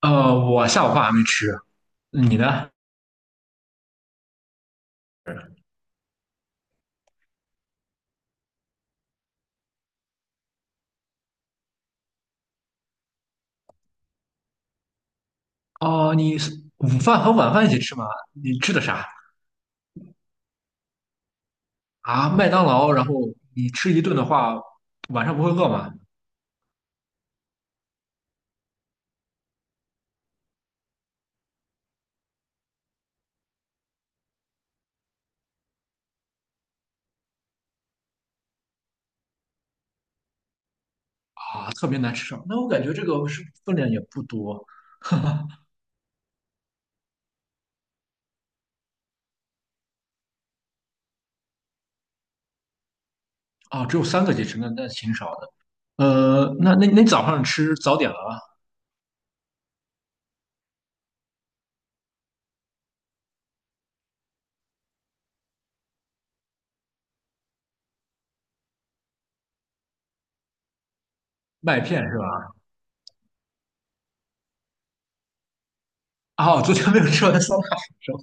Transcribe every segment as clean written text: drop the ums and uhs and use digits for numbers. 我下午饭还没吃，你呢？哦，你是午饭和晚饭一起吃吗？你吃的啥啊？麦当劳，然后你吃一顿的话，晚上不会饿吗？啊，特别难吃，上那我感觉这个是分量也不多啊，只有三个鸡翅，那挺少的。呃，那早上吃早点了吗？麦片是吧？哦，昨天没有吃完的酸辣粉是吧？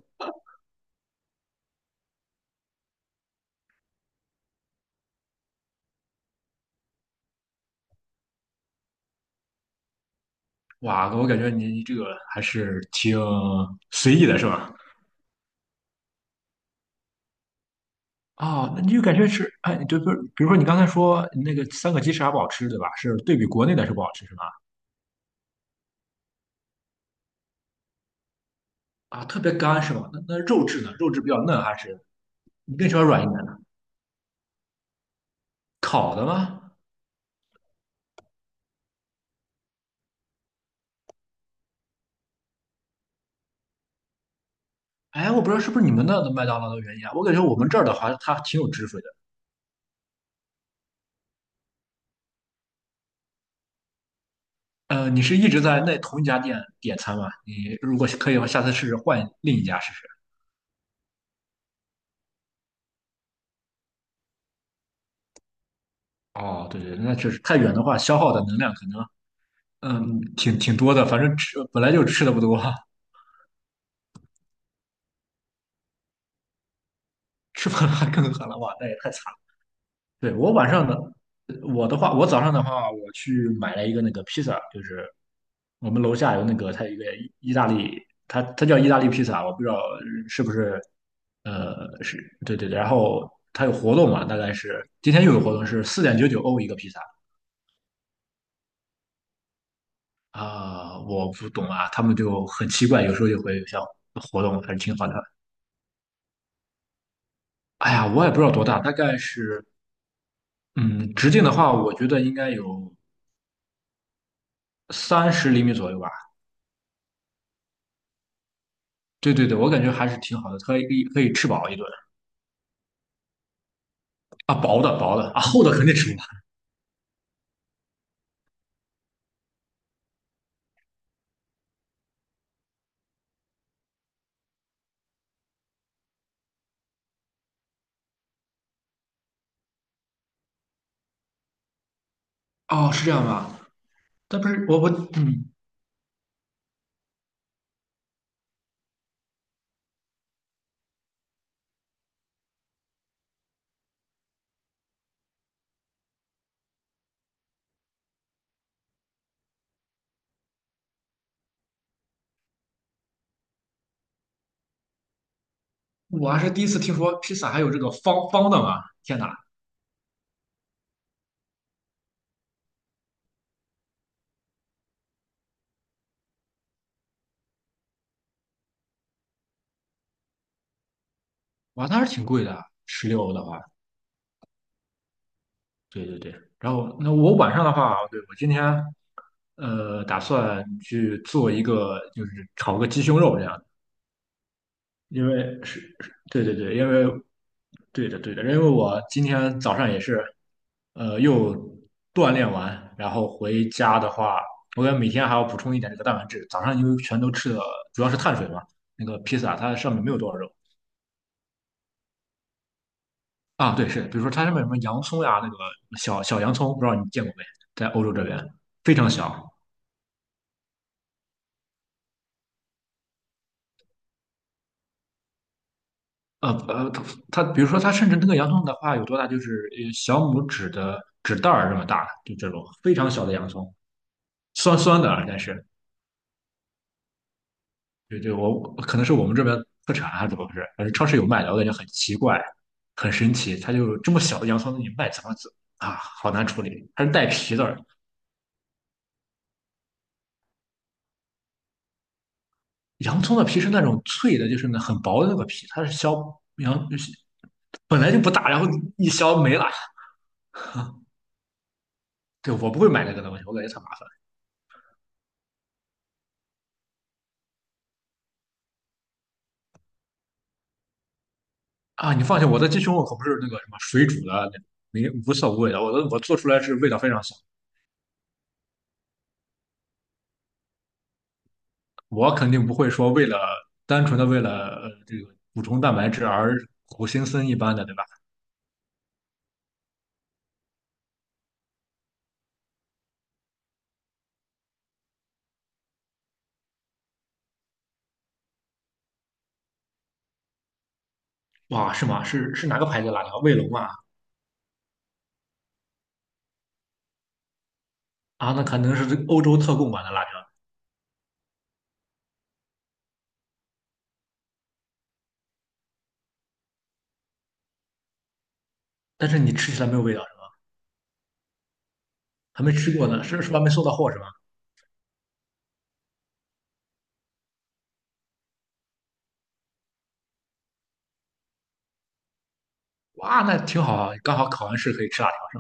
哇，我感觉你这个还是挺随意的，是吧？啊，那你就感觉是，哎，就比如说你刚才说那个三个鸡翅还不好吃，对吧？是对比国内的是不好吃是吧？啊，特别干是吗？那那肉质呢？肉质比较嫩还是你更喜欢软一点的？烤的吗？哎，我不知道是不是你们那的麦当劳的原因啊，我感觉我们这儿的话它挺有汁水的。呃，你是一直在那同一家店点餐吗？你如果可以的话，下次试试换另一家试试。哦，对对，那确实太远的话，消耗的能量可能嗯挺多的，反正吃本来就吃的不多。吃不完还更狠了，哇，那也太惨。对，我晚上的，我的话，我早上的话，我去买了一个那个披萨，就是我们楼下有那个，它有一个意大利，它叫意大利披萨，我不知道是不是，是，对对对，然后它有活动嘛，大概是今天又有活动，是4.99欧一个披萨。啊，我不懂啊，他们就很奇怪，有时候就会有像活动还是挺好的。哎呀，我也不知道多大，大概是，嗯，直径的话，我觉得应该有30厘米左右吧。对对对，我感觉还是挺好的，可以吃饱一顿。啊，薄的啊，厚的肯定吃不完。哦，是这样吧？但不是我嗯，我还是第一次听说披萨还有这个方方的嘛！天哪，哇，那还是挺贵的，16欧的话，对对对。然后那我晚上的话，对，我今天打算去做一个，就是炒个鸡胸肉这样的，因为是是对对对，因为对的对的，因为我今天早上也是又锻炼完，然后回家的话，我感觉每天还要补充一点这个蛋白质。早上因为全都吃的主要是碳水嘛，那个披萨它上面没有多少肉啊，对，是，比如说它上面有什么洋葱呀，那个小洋葱，不知道你见过没，在欧洲这边非常小。呃呃，它它比如说它甚至那个洋葱的话有多大，就是小拇指的指袋儿这么大，就这种非常小的洋葱，酸酸的啊，但是对对，我可能是我们这边特产还是怎么回事？反正超市有卖的，我感觉很奇怪，很神奇。它就这么小的洋葱，你卖怎么子啊？好难处理，它是带皮的。洋葱的皮是那种脆的，就是那很薄的那个皮，它是削洋本来就不大，然后一削没了。对，我不会买那个东西，我感觉太麻烦。啊！你放心，我的鸡胸肉可不是那个什么水煮的那种，没无色无味的，我做出来是味道非常香。我肯定不会说为了单纯的为了这个补充蛋白质而苦行僧一般的，对吧？哇，是吗？是是哪个牌子的辣条？卫龙啊？啊，那可能是这个欧洲特供版的辣条，但是你吃起来没有味道是吗？还没吃过呢，是是吧？没收到货是吧？哇，那挺好啊，刚好考完试可以吃辣条。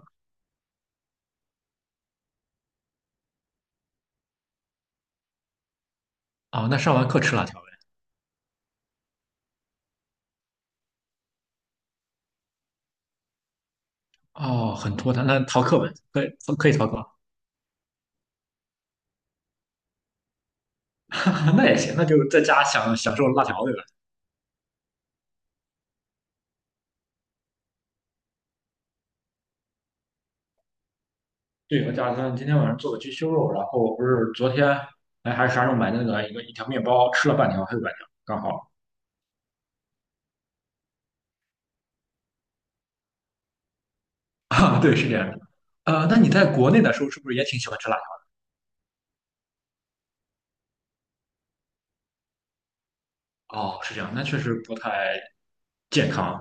啊、那上完课吃辣条呗。哦，很拖沓，那逃课呗，可以逃课。那也行，那就在家享受辣条呗。对，我打算今天晚上做个鸡胸肉，然后我不是昨天哎还是啥时候买的那个一条面包，吃了半条，还有半条，刚好。啊，对，是这样的。呃，那你在国内的时候是不是也挺喜欢吃辣条？哦，是这样，那确实不太健康。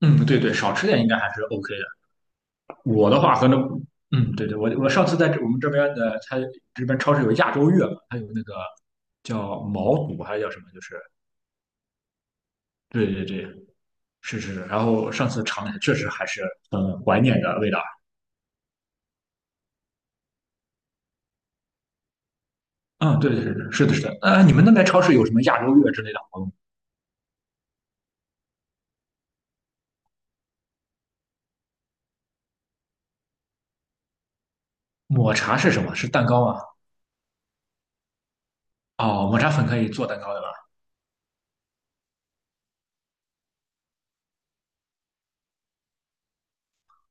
嗯，对对，少吃点应该还是 OK 的。我的话可能，嗯，对对，我上次在这我们这边的，它这边超市有亚洲月嘛，它有那个叫毛肚还是叫什么，就是对对对，是是。是然后上次尝了一下，确实还是很怀念的味道。嗯，对对对，对，是的，是的。呃，你们那边超市有什么亚洲月之类的活动？抹茶是什么？是蛋糕啊？哦，抹茶粉可以做蛋糕的吧？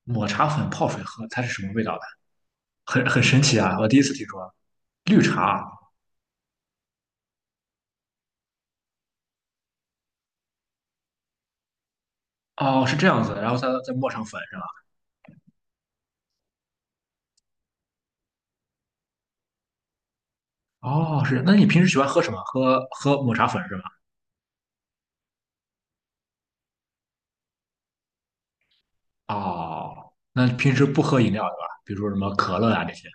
抹茶粉泡水喝，它是什么味道的？很神奇啊！我第一次听说。绿茶，哦，是这样子，然后再磨上粉是吧？哦，是。那你平时喜欢喝什么？喝抹茶粉是吧？哦，那平时不喝饮料对吧？比如说什么可乐啊这些，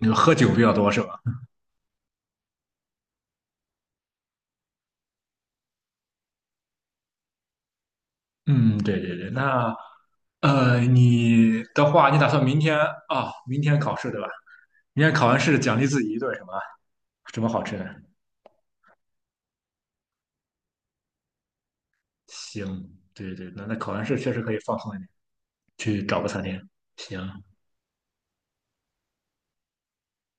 你们喝酒比较多是吧？嗯，对对对。那你的话，你打算明天啊、哦明天考试对吧？你看考完试奖励自己一顿什么什么好吃的？行，对对，那那考完试确实可以放松一点，去找个餐厅。行，